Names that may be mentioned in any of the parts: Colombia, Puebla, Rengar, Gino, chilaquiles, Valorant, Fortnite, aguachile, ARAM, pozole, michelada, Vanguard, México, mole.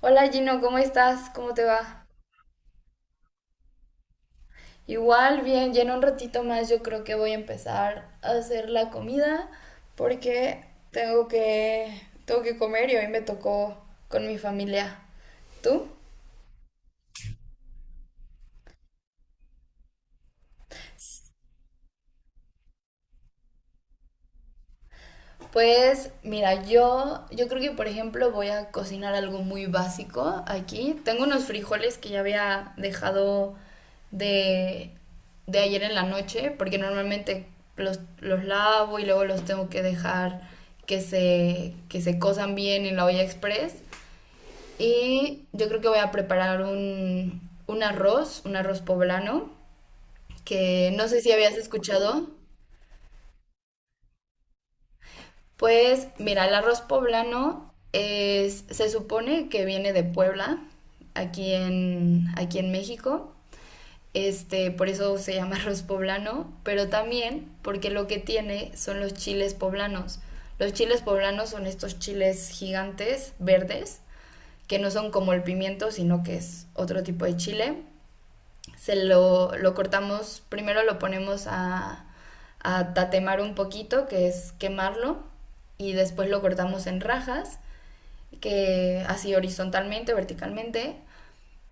Hola Gino, ¿cómo estás? ¿Cómo te va? Igual, bien, ya en un ratito más yo creo que voy a empezar a hacer la comida porque tengo que, tengo que comer y hoy me tocó con mi familia. ¿Tú? Pues mira, yo creo que por ejemplo voy a cocinar algo muy básico aquí. Tengo unos frijoles que ya había dejado de, de ayer en la noche, porque normalmente los lavo y luego los tengo que dejar que se cosan bien en la olla express. Y yo creo que voy a preparar un arroz poblano, que no sé si habías escuchado. Pues mira, el arroz poblano es, se supone que viene de Puebla, aquí en México. Por eso se llama arroz poblano, pero también porque lo que tiene son los chiles poblanos. Los chiles poblanos son estos chiles gigantes, verdes, que no son como el pimiento, sino que es otro tipo de chile. Lo cortamos, primero lo ponemos a tatemar un poquito, que es quemarlo, y después lo cortamos en rajas, que así horizontalmente, verticalmente.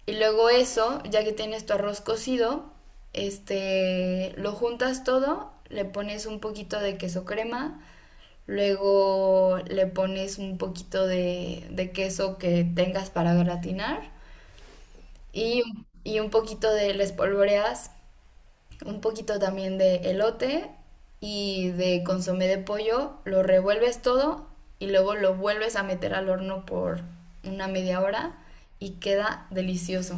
Y luego eso, ya que tienes tu arroz cocido, lo juntas todo, le pones un poquito de queso crema, luego le pones un poquito de queso que tengas para gratinar y, y un poquito de, le espolvoreas un poquito también de elote y de consomé de pollo, lo revuelves todo y luego lo vuelves a meter al horno por una media hora y queda delicioso.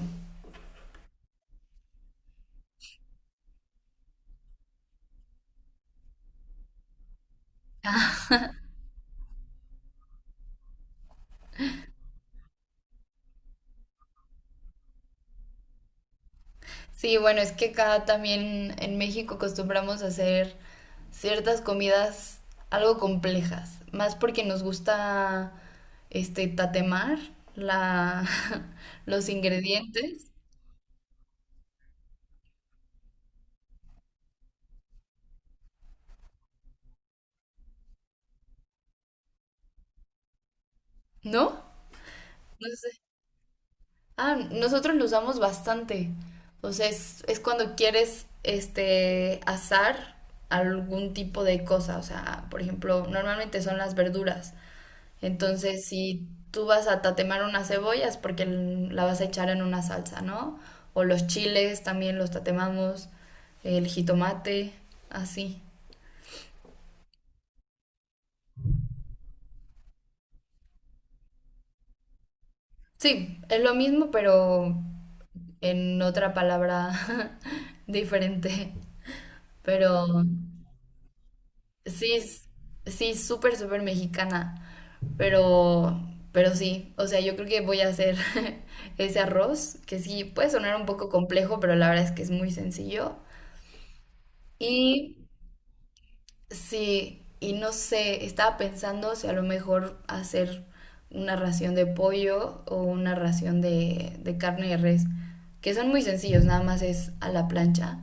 Sí, bueno, es que acá también en México acostumbramos a hacer ciertas comidas algo complejas, más porque nos gusta tatemar la, los ingredientes, ¿no? No sé. Ah, nosotros lo usamos bastante. O sea, es cuando quieres asar algún tipo de cosa. O sea, por ejemplo, normalmente son las verduras. Entonces, si tú vas a tatemar unas cebollas porque la vas a echar en una salsa, ¿no? O los chiles también los tatemamos, el jitomate, así. Sí, es lo mismo, pero en otra palabra diferente. Pero Sí, s- sí, súper, súper mexicana, pero, pero sí, o sea, yo creo que voy a hacer ese arroz, que sí, puede sonar un poco complejo, pero la verdad es que es muy sencillo. Y sí, y no sé, estaba pensando si a lo mejor hacer una ración de pollo o una ración de carne de res, que son muy sencillos, nada más es a la plancha.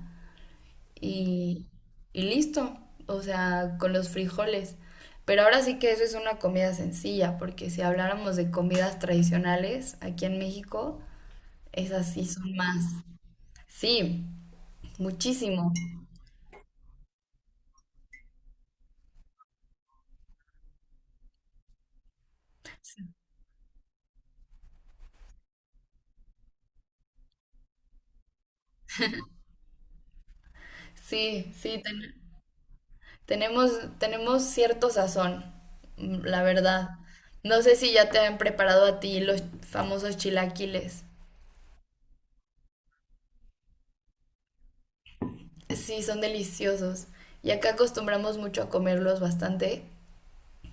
Y, y listo, o sea, con los frijoles. Pero ahora sí que eso es una comida sencilla, porque si habláramos de comidas tradicionales aquí en México, esas sí son más. Sí, muchísimo. Sí, sí, tenemos, tenemos cierto sazón, mm, la verdad. No sé si ya te han preparado a ti los famosos chilaquiles. Sí, son deliciosos. Y acá acostumbramos mucho a comerlos bastante.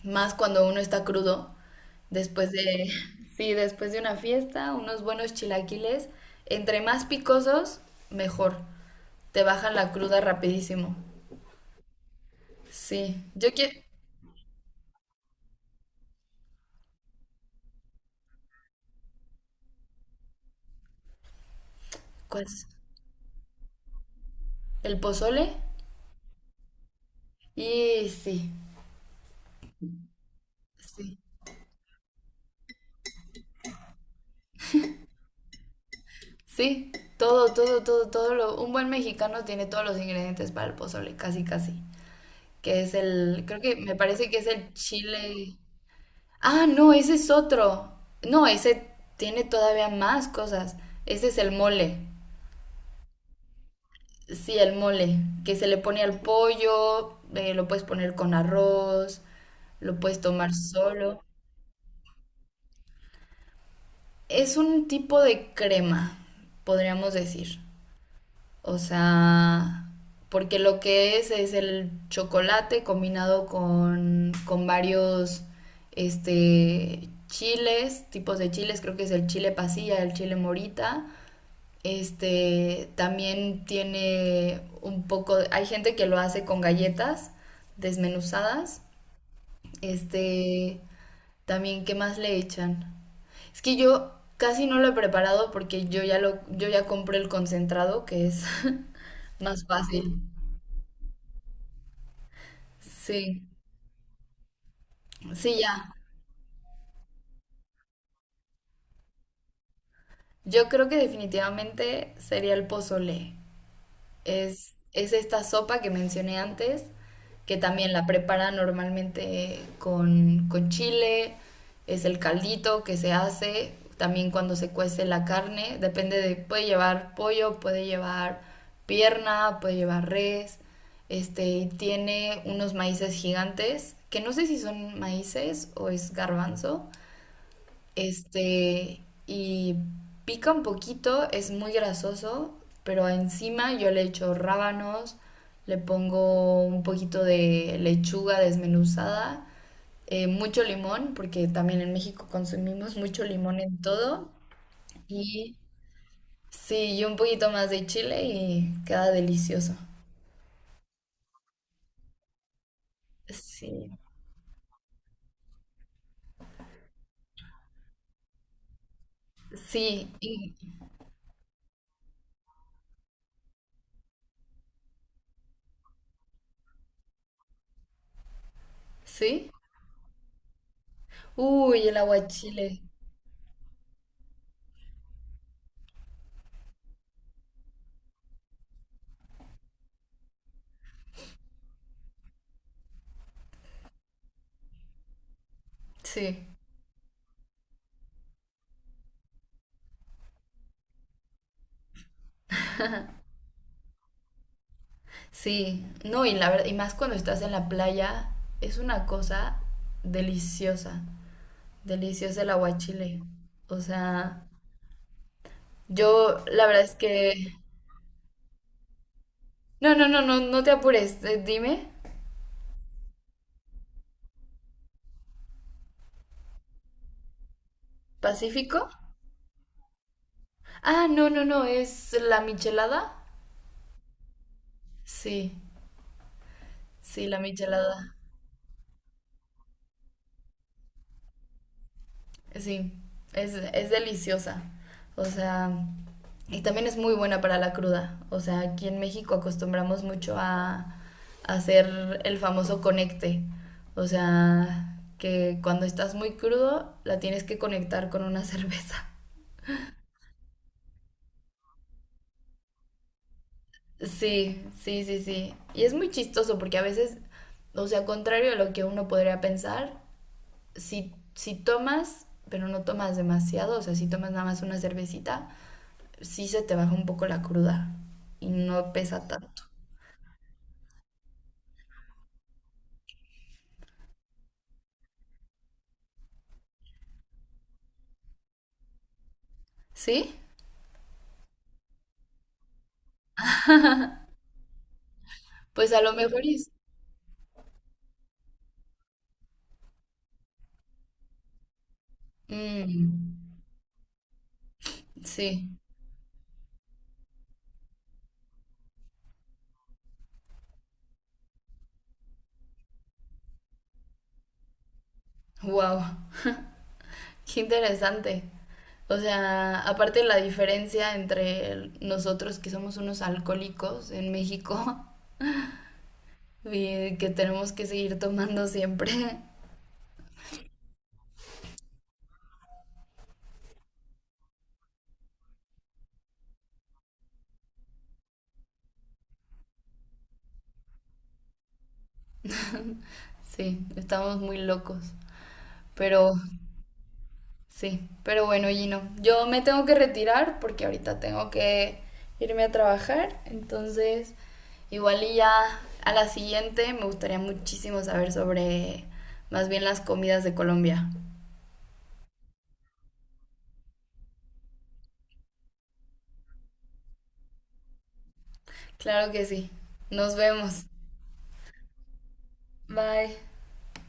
Más cuando uno está crudo, después de, sí, después de una fiesta, unos buenos chilaquiles, entre más picosos, mejor. Te bajan la cruda rapidísimo. Sí, yo quiero, pues, el pozole y sí, sí, sí, todo, todo, todo, todo lo, un buen mexicano tiene todos los ingredientes para el pozole, casi, casi. Que es el, creo que me parece que es el chile. Ah, no, ese es otro. No, ese tiene todavía más cosas. Ese es el mole. Sí, el mole, que se le pone al pollo, lo puedes poner con arroz, lo puedes tomar solo. Es un tipo de crema, podríamos decir. O sea, porque lo que es el chocolate combinado con varios chiles, tipos de chiles, creo que es el chile pasilla, el chile morita. Este también tiene un poco, hay gente que lo hace con galletas desmenuzadas. Este también, ¿qué más le echan? Es que yo casi no lo he preparado porque yo ya compré el concentrado, que es más fácil. Sí, sí, ya. Yo creo que definitivamente sería el pozole. Es esta sopa que mencioné antes, que también la preparan normalmente con chile, es el caldito que se hace, también cuando se cuece la carne, depende de, puede llevar pollo, puede llevar pierna, puede llevar res, este, y tiene unos maíces gigantes, que no sé si son maíces o es garbanzo, este, y pica un poquito, es muy grasoso, pero encima yo le echo rábanos, le pongo un poquito de lechuga desmenuzada, mucho limón, porque también en México consumimos mucho limón en todo, y sí, y un poquito más de chile y queda delicioso. Sí, sí, y- sí. Uy, el aguachile, sí. Sí, no, y la verdad, y más cuando estás en la playa, es una cosa deliciosa, deliciosa el aguachile. O sea, yo la verdad es que... No, no, no, no, no te apures, dime, ¿Pacífico? Ah, no, no, no, es la michelada. Sí, sí, la michelada. Sí, es deliciosa. O sea, y también es muy buena para la cruda. O sea, aquí en México acostumbramos mucho a hacer el famoso conecte. O sea, que cuando estás muy crudo la tienes que conectar con una cerveza. Sí, sí, sí, sí. Y es muy chistoso porque a veces, o sea, contrario a lo que uno podría pensar, si tomas, pero no tomas demasiado, o sea, si tomas nada más una cervecita, sí se te baja un poco la cruda y no pesa tanto. ¿Sí? Pues a lo mejor es... Mm, sí, wow, qué interesante. O sea, aparte la diferencia entre el- nosotros que somos unos alcohólicos en México y que tenemos que seguir tomando siempre. Sí, estamos muy locos. Pero sí, pero bueno, Gino, yo me tengo que retirar porque ahorita tengo que irme a trabajar, entonces igual y ya a la siguiente me gustaría muchísimo saber sobre más bien las comidas de Colombia. Claro que sí, nos vemos. Bye.